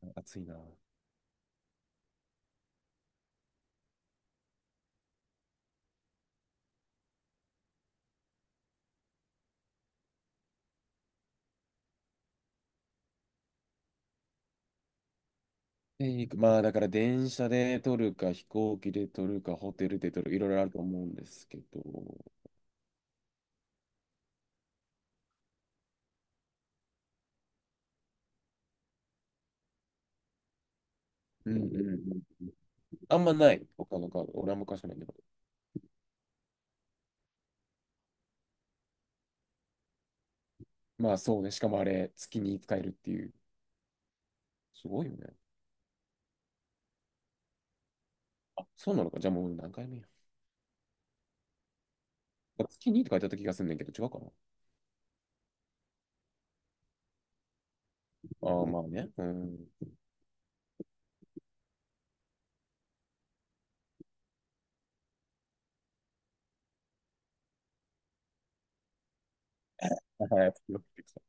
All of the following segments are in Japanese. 暑いな。で、行くまあ、だから電車で撮るか、飛行機で撮るか、ホテルで撮る、いろいろあると思うんですけど、うんうんうん。あんまない、他のカード。俺は昔ないけど。まあそうね、しかもあれ、月に使えるっていう。すごいよね。あ、そうなのか。じゃあもう何回目や。月にって書いてあった気がするんだけど、違うかな。ああ、まあね。うん。はい、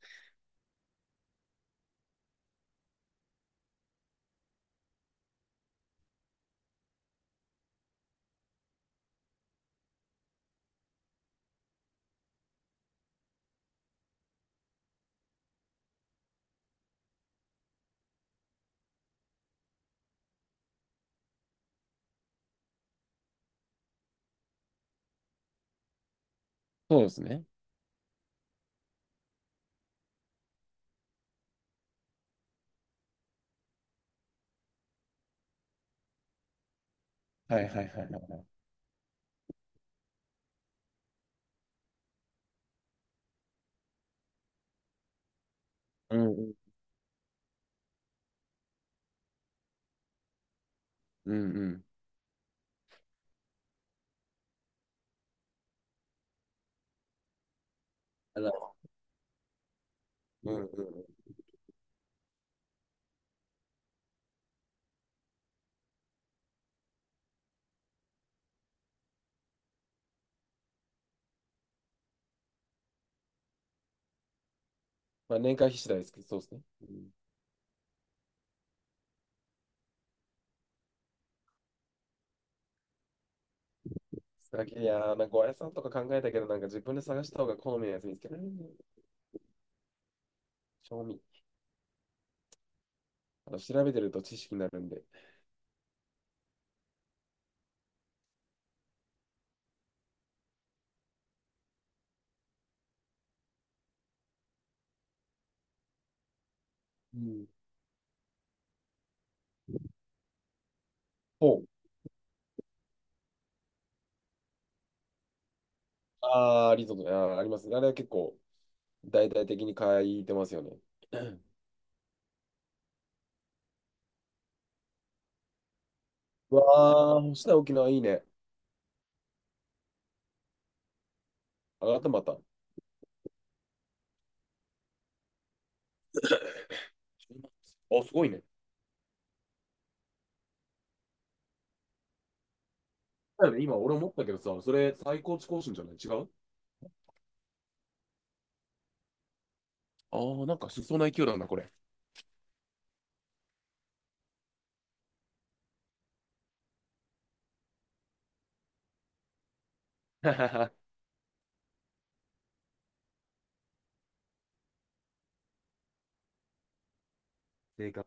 そうですね。はいはいはいはい。うんうん。うんうん。あら。うんうん。まあ年会費次第ですけど、そうですね。うん。いやー、なんかおやつさんとか考えたけど、なんか自分で探した方が好みのやつ見つけられる。賞味。あの調べてると知識になるんで。うん。ほう。ああリゾート。あー、ありますね。あれは結構、大々的に書いてますよね。うん。うわー、星名沖縄いいね。上がったまた。あ、すごいね。だよね今、俺思ったけどさ、それ最高値更新じゃない違う？ああー、なんかしそうな勢いだなんだ、これ。静観。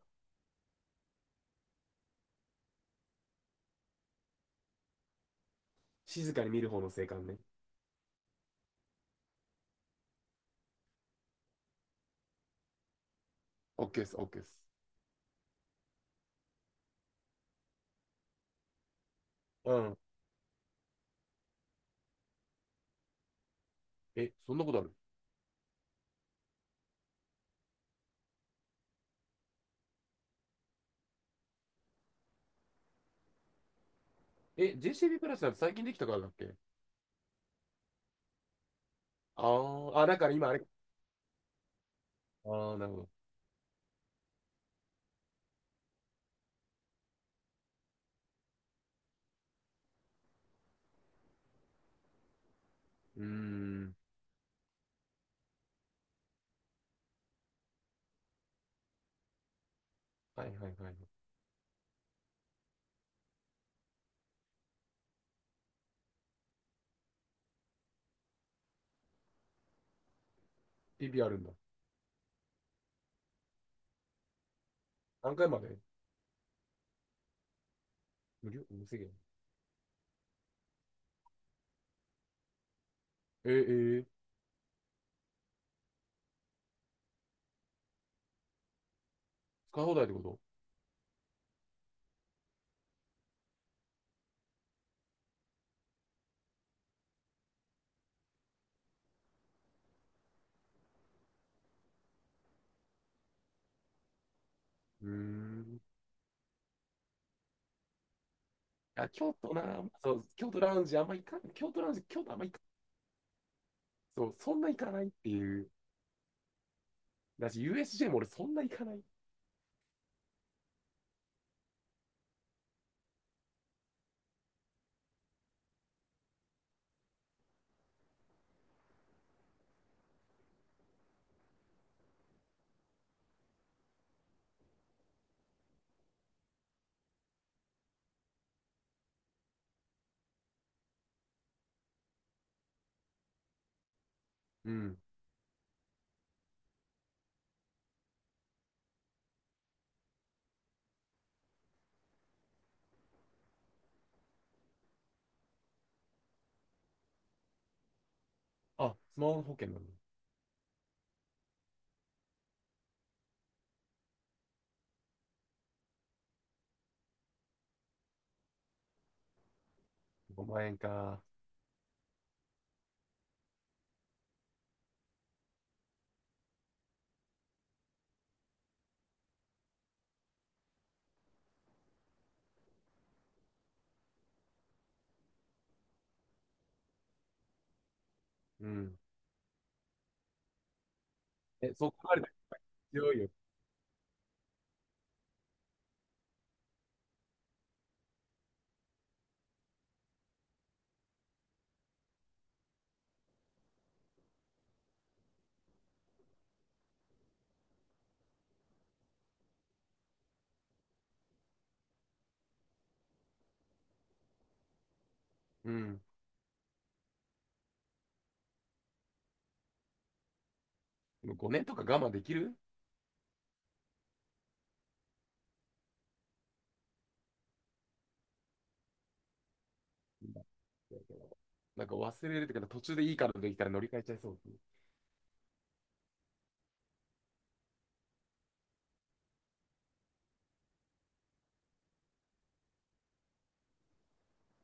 静かに見る方の静観ね。オッケーです、オッケーです。うん。え、そんなことある？え、JCB プラスだと最近できたからだっけ？あーあ、だから今あれ。ああ、なるほど。うーん。はいはいはい。PB あるんだ。何回まで無料無制限。えー、えー、使い放題ってこと？うーん。あ、京都な、そう、京都ラウンジあんま行かない。京都ラウンジ、京都あんま行かない。そう、そんな行かないっていう。だし、USJ も俺そんな行かない。うん。あ、スマホ保険なの。5万円か。うん。え、そこまで強いよ。うん。でも5年とか我慢できる？なんか忘れるっていうか、途中でいいカードできたら乗り換えちゃいそうですね。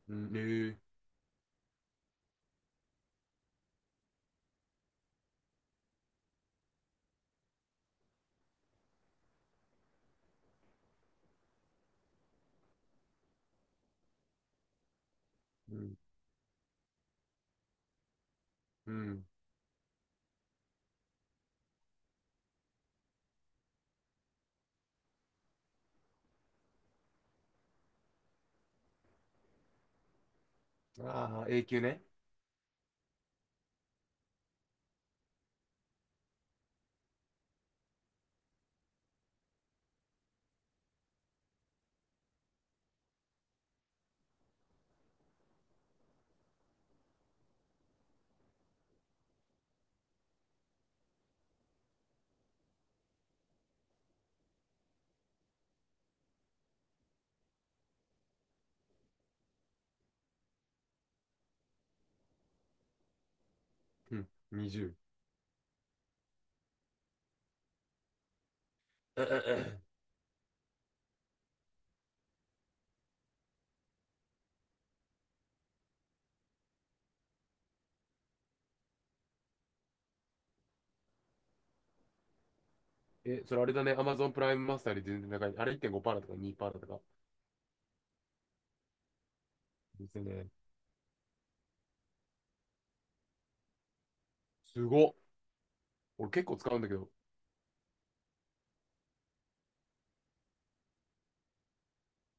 うん、えー、うん、うん。ああ、永久ね。うん、20。え、え。ええそれあれだね。Amazon プライムマスターより全然高い。あれいってんごパ5だとかにパーだとか。ですね。すごっ。俺結構使うんだけど。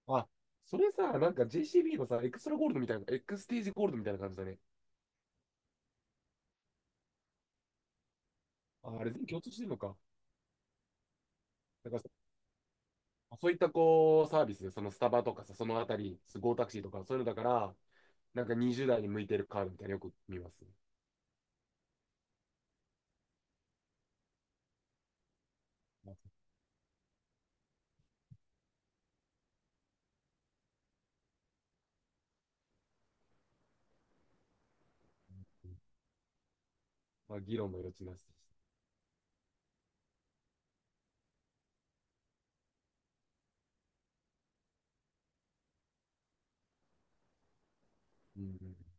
あ、それさ、なんか JCB のさ、エクストラゴールドみたいな、エクステージゴールドみたいな感じだね。あ、あれ全部共通してるのか。だからそういったこう、サービスで、そのスタバとかさ、そのあたり、ゴータクシーとか、そういうのだから、なんか20代に向いてるカードみたいなのよく見ます。まあ、議論の余地なしでした。うんうん。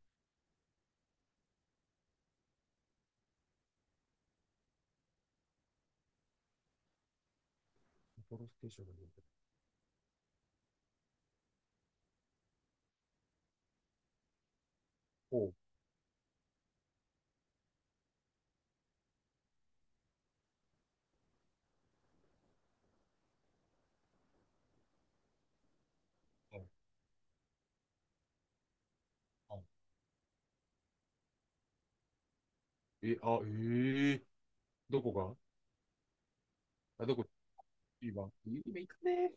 札幌ステーションが見えてる。おう。はい。はい。え、あ、ええ、どこが？あ、どこ今。今行くね。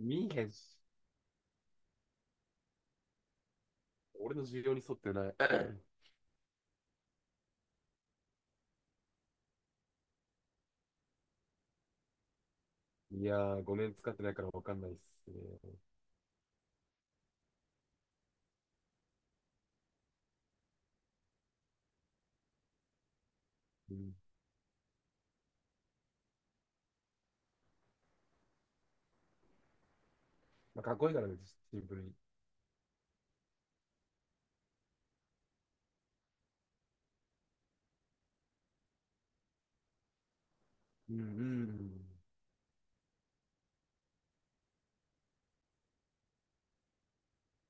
見えへんし。俺の需要に沿ってない。いやー、5年使ってないから分かんないっすね。うん。まあ、かっこいいからね、シンプルに。うんうんうん。